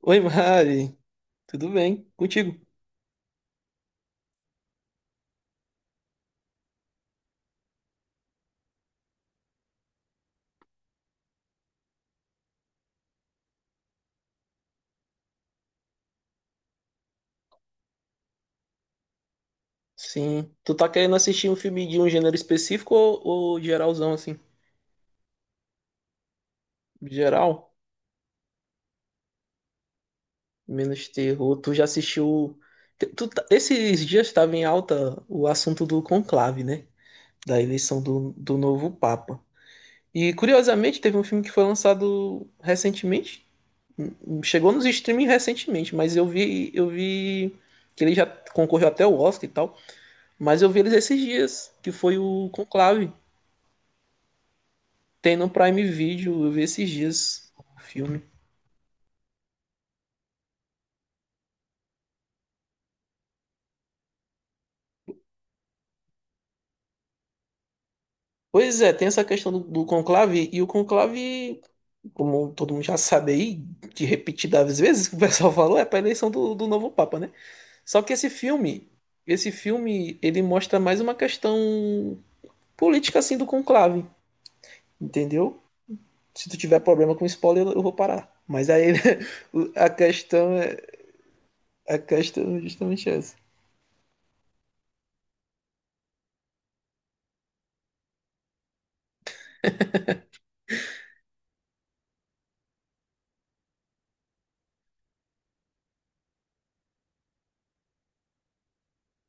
Oi, Mari. Tudo bem? Contigo? Sim. Tu tá querendo assistir um filme de um gênero específico ou geralzão, assim? Geral? Menos terror. Tu já assistiu... Esses dias estava em alta o assunto do conclave, né? Da eleição do novo Papa. E, curiosamente, teve um filme que foi lançado recentemente. Chegou nos streaming recentemente, mas eu vi que ele já concorreu até o Oscar e tal. Mas eu vi eles esses dias, que foi o Conclave. Tem no Prime Video, eu vi esses dias o filme. Pois é, tem essa questão do conclave, e o conclave, como todo mundo já sabe aí, de repetidas vezes que o pessoal falou, é pra eleição do novo Papa, né? Só que esse filme, ele mostra mais uma questão política, assim, do conclave, entendeu? Se tu tiver problema com spoiler, eu vou parar. Mas aí, a questão é, a questão é justamente essa.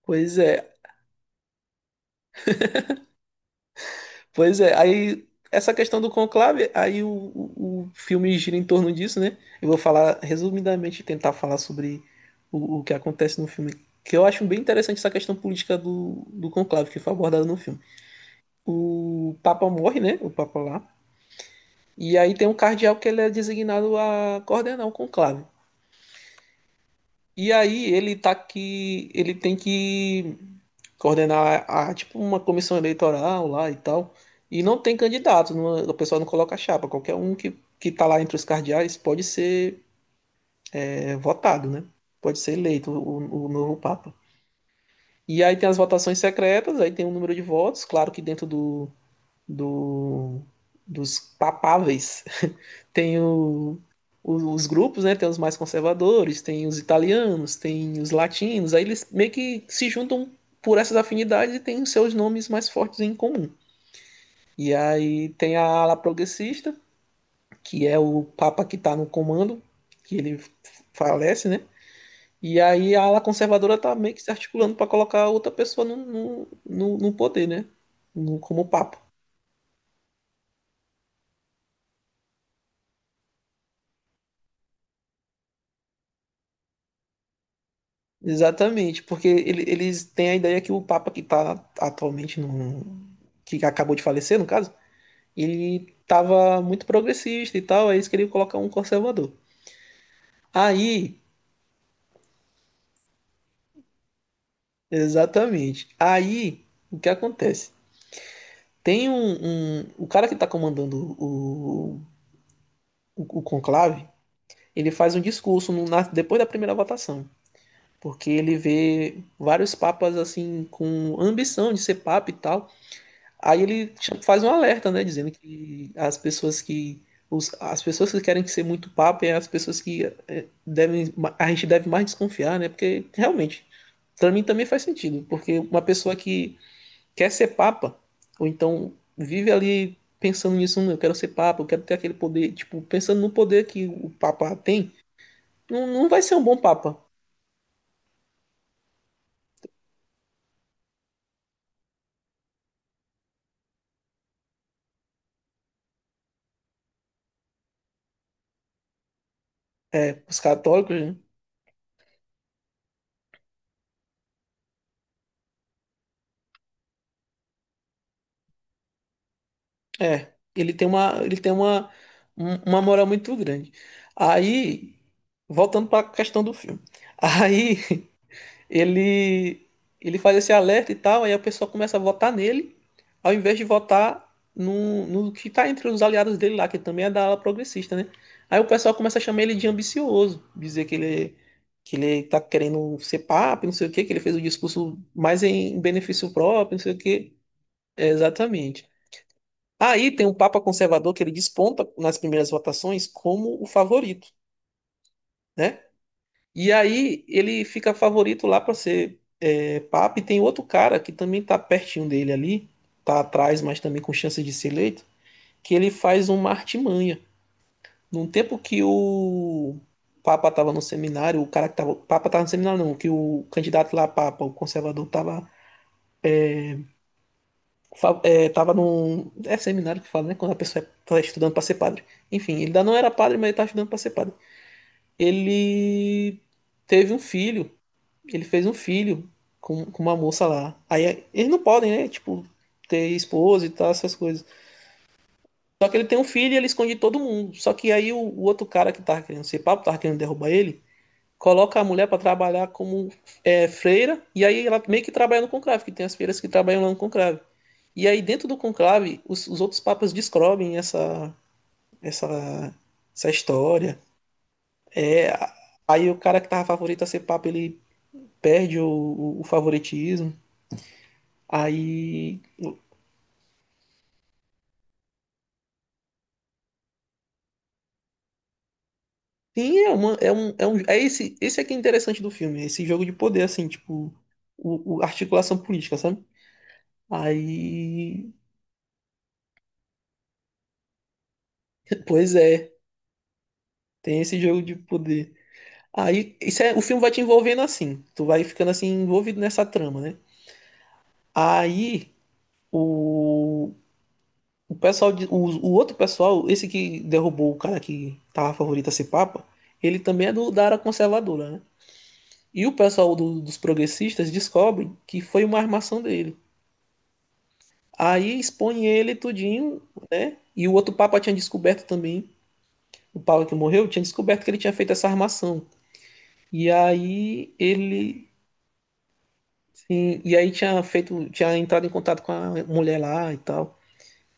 Pois é. Pois é, aí essa questão do conclave, aí o filme gira em torno disso, né? Eu vou falar resumidamente, tentar falar sobre o que acontece no filme, que eu acho bem interessante essa questão política do conclave, que foi abordada no filme. O Papa morre, né? O Papa lá. E aí tem um cardeal que ele é designado a coordenar o conclave. E aí ele tá que ele tem que coordenar tipo uma comissão eleitoral lá e tal. E não tem candidato, o pessoal não coloca chapa. Que tá lá entre os cardeais pode ser votado, né? Pode ser eleito o novo Papa. E aí tem as votações secretas, aí tem o número de votos, claro que dentro do dos papáveis tem os grupos, né? Tem os mais conservadores, tem os italianos, tem os latinos, aí eles meio que se juntam por essas afinidades e têm os seus nomes mais fortes em comum. E aí tem a ala progressista, que é o Papa que está no comando, que ele falece, né? E aí a ala conservadora está meio que se articulando para colocar outra pessoa no poder, né? Como Papa. Exatamente, porque eles têm a ideia que o Papa que está atualmente no. Que acabou de falecer, no caso, ele estava muito progressista e tal, aí eles queriam colocar um conservador. Aí, exatamente. Aí, o que acontece? Tem o cara que está comandando o conclave, ele faz um discurso no, na, depois da primeira votação, porque ele vê vários papas assim com ambição de ser papa e tal. Aí ele faz um alerta, né, dizendo que as pessoas que os, as pessoas que querem ser muito papa é as pessoas devem a gente deve mais desconfiar, né? Porque realmente para mim também faz sentido, porque uma pessoa que quer ser papa, ou então vive ali pensando nisso, eu quero ser papa, eu quero ter aquele poder, tipo, pensando no poder que o papa tem, não vai ser um bom papa". É, os católicos, né? É, ele tem uma, um- uma moral muito grande. Aí, voltando para a questão do filme. Aí ele ele faz esse alerta e tal, aí a pessoa começa a votar nele, ao invés de votar no que está entre os aliados dele lá, que também é da ala progressista, né? Aí o pessoal começa a chamar ele de ambicioso, dizer que ele tá querendo ser papa, não sei o quê, que ele fez o discurso mais em benefício próprio, não sei o quê. É, exatamente. Aí tem um papa conservador que ele desponta nas primeiras votações como o favorito, né? E aí ele fica favorito lá para ser papa. E tem outro cara que também tá pertinho dele ali, tá atrás, mas também com chance de ser eleito, que ele faz uma artimanha. Num tempo que o papa tava no seminário, o cara que tava, o papa tava no seminário não, que o candidato lá a papa, o conservador, tava tava num seminário que fala, né, quando a pessoa tá estudando para ser padre. Enfim, ele ainda não era padre, mas ele tá estudando para ser padre. Ele teve um filho Ele fez um filho com uma moça lá. Aí eles não podem, né? Tipo, ter esposa e tal, essas coisas. Só que ele tem um filho e ele esconde todo mundo. Só que aí o outro cara que tava querendo ser papo, tava querendo derrubar ele, coloca a mulher para trabalhar como freira. E aí ela meio que trabalha no conclave, que tem as freiras que trabalham lá no conclave. E aí dentro do conclave, os outros papas descobrem essa, essa história. É, aí o cara que tava favorito a ser papa, ele perde o favoritismo. Aí. Sim, é uma, é um, é um, é esse, esse aqui é interessante do filme, esse jogo de poder, assim, tipo, articulação política, sabe? Aí. Pois é, tem esse jogo de poder. Aí, isso é, o filme vai te envolvendo assim, tu vai ficando assim envolvido nessa trama, né? Aí, o, o pessoal, o outro pessoal, esse que derrubou o cara que tava favorito a ser papa, ele também é da área conservadora, né? E o pessoal dos progressistas descobre que foi uma armação dele. Aí expõe ele tudinho, né? E o outro papa tinha descoberto também, o papa que morreu, tinha descoberto que ele tinha feito essa armação. E aí ele, sim, e aí tinha feito, tinha entrado em contato com a mulher lá e tal,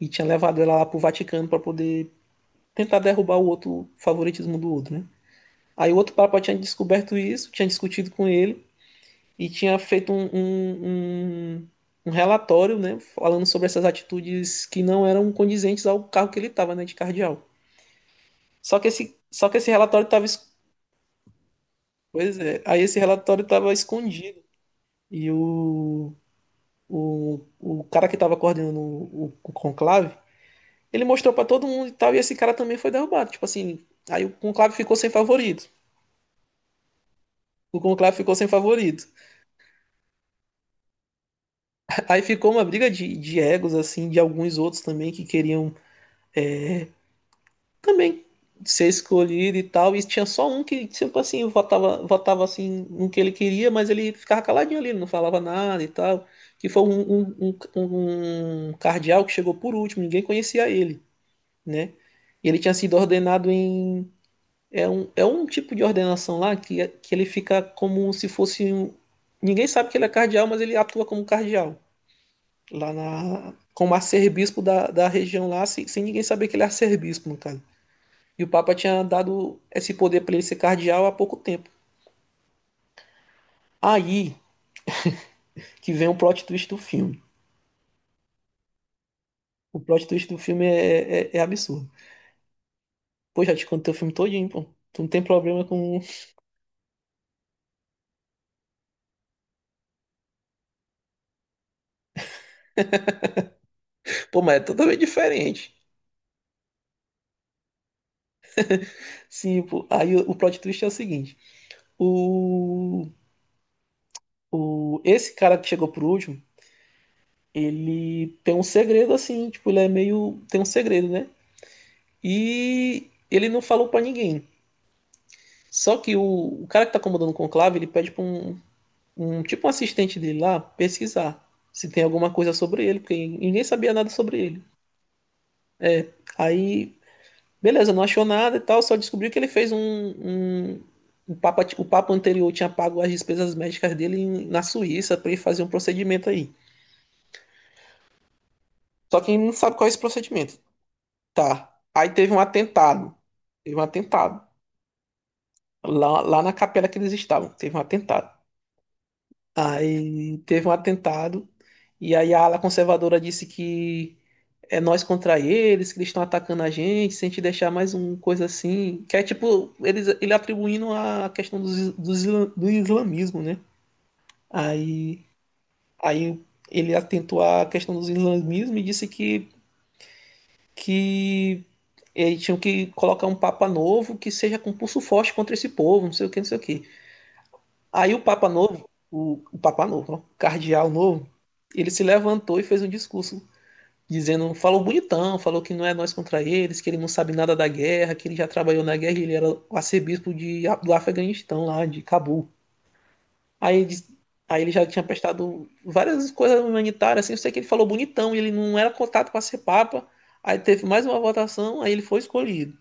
e tinha levado ela lá pro Vaticano para poder tentar derrubar o favoritismo do outro, né? Aí o outro papa tinha descoberto isso, tinha discutido com ele. E tinha feito um relatório, né, falando sobre essas atitudes que não eram condizentes ao cargo que ele estava, né, de cardeal. Só que esse relatório estava, pois é, aí esse relatório estava escondido e o cara que estava coordenando o conclave, ele mostrou para todo mundo e tal, e esse cara também foi derrubado, tipo assim, aí o conclave ficou sem favorito. O conclave ficou sem favorito. Aí ficou uma briga de egos, assim, de alguns outros também que queriam Também ser escolhido e tal. E tinha só um que, sempre assim, votava assim no que ele queria, mas ele ficava caladinho ali, ele não falava nada e tal. Que foi um cardeal que chegou por último, ninguém conhecia ele, né? E ele tinha sido ordenado em. É é um tipo de ordenação lá que, que ele fica como se fosse um. Ninguém sabe que ele é cardeal, mas ele atua como cardeal. Lá na. Como arcebispo da região lá, sem ninguém saber que ele é arcebispo, no caso. E o Papa tinha dado esse poder para ele ser cardeal há pouco tempo. Aí que vem o plot twist do filme. O plot twist do filme é, é absurdo. Pô, já te contei o filme todinho, pô. Tu não tem problema com. Pô, mas é totalmente diferente. Sim, pô. Aí o plot twist é o seguinte: o. o esse cara que chegou por último, ele tem um segredo assim, tipo, ele é meio. Tem um segredo, né? E ele não falou para ninguém. Só que o cara que tá comandando o conclave, ele pede pra um tipo um assistente dele lá pesquisar se tem alguma coisa sobre ele, porque ninguém sabia nada sobre ele. É, aí, beleza, não achou nada e tal, só descobriu que ele fez o papa anterior tinha pago as despesas médicas dele na Suíça para ele fazer um procedimento aí. Só que ele não sabe qual é esse procedimento. Tá. Aí teve um atentado. Teve um atentado. Lá na capela que eles estavam, teve um atentado. Aí teve um atentado. E aí a ala conservadora disse que é nós contra eles, que eles estão atacando a gente, se a gente deixar mais uma coisa assim, que é tipo, eles, ele atribuindo a questão do islamismo, né? Aí, aí ele atentou à questão do islamismo e disse que eles tinham que colocar um papa novo que seja com pulso forte contra esse povo, não sei o que, não sei o que. Aí o papa novo, o papa novo, ó, o cardeal novo, ele se levantou e fez um discurso dizendo, falou bonitão, falou que não é nós contra eles, que ele não sabe nada da guerra, que ele já trabalhou na guerra, ele era o arcebispo de, do Afeganistão lá, de Cabul. Aí aí ele já tinha prestado várias coisas humanitárias, assim, eu sei que ele falou bonitão, ele não era cotado para ser papa. Aí teve mais uma votação, aí ele foi escolhido,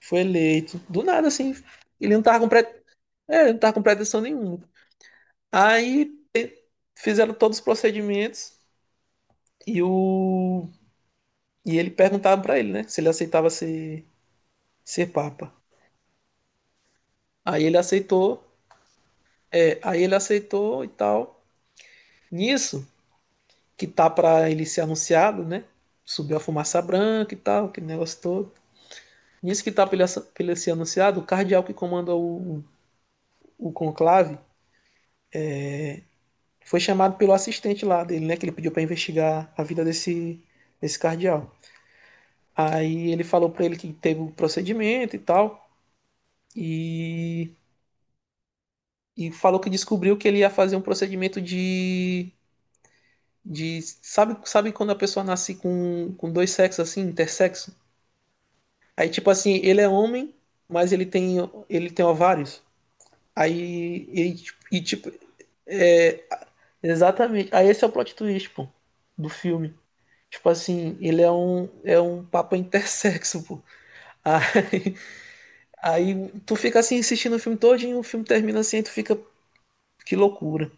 foi eleito, do nada assim. Ele não tava com, pre... ele não tava com pretensão nenhuma. Aí fizeram todos os procedimentos e o e ele perguntava para ele, né, se ele aceitava ser ser papa. Aí ele aceitou, é, aí ele aceitou e tal. Nisso, que tá para ele ser anunciado, né? Subiu a fumaça branca e tal, aquele negócio todo. Nisso que tá para ele, ele ser anunciado, o cardeal que comanda o conclave foi chamado pelo assistente lá dele, né? Que ele pediu para investigar a vida desse cardeal. Aí ele falou para ele que teve o um procedimento e tal, e, e falou que descobriu que ele ia fazer um procedimento de sabe sabe quando a pessoa nasce com dois sexos assim intersexo aí tipo assim ele é homem mas ele tem ovários aí ele, tipo, e tipo é exatamente aí esse é o plot twist pô do filme tipo assim ele é um papa intersexo pô aí, aí tu fica assim assistindo o filme todo e o filme termina assim aí tu fica que loucura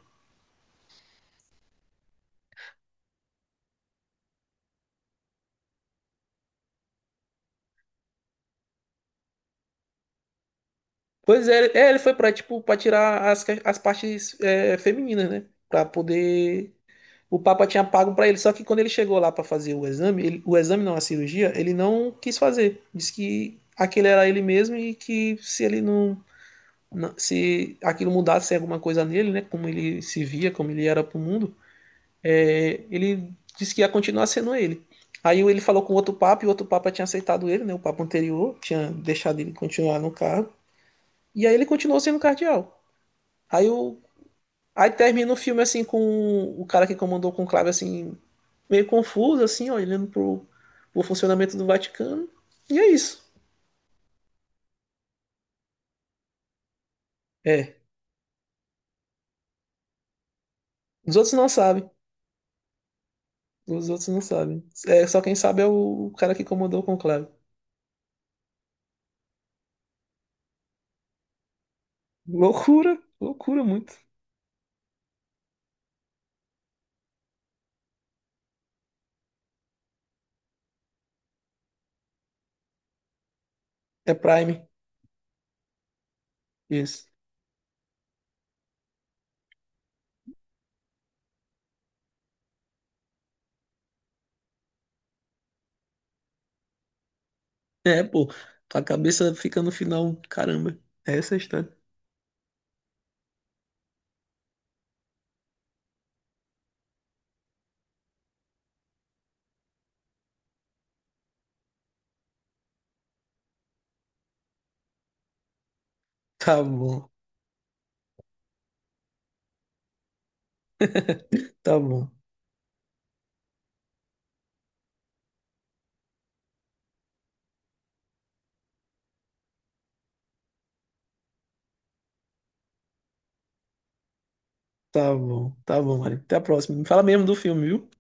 pois é, é ele foi para tipo para tirar as, as partes femininas né para poder o Papa tinha pago para ele, só que quando ele chegou lá para fazer o exame, o exame não, a cirurgia, ele não quis fazer. Disse que aquele era ele mesmo e que se ele não, se aquilo mudasse alguma coisa nele, né, como ele se via, como ele era pro mundo, ele disse que ia continuar sendo ele. Aí ele falou com outro papa e o outro papa tinha aceitado ele, né, o papa anterior tinha deixado ele continuar no cargo. E aí ele continuou sendo cardeal. Aí o Aí termina o filme assim com o cara que comandou o conclave assim, meio confuso, assim, ó, olhando pro, pro funcionamento do Vaticano. E é isso. É. Os outros não sabem. Os outros não sabem. É, só quem sabe é o cara que comandou o conclave. Loucura, loucura muito. É Prime, isso. É, pô, a cabeça fica no final, caramba. É essa a história. Tá bom, tá bom, tá bom, Mari. Até a próxima. Me fala mesmo do filme, viu?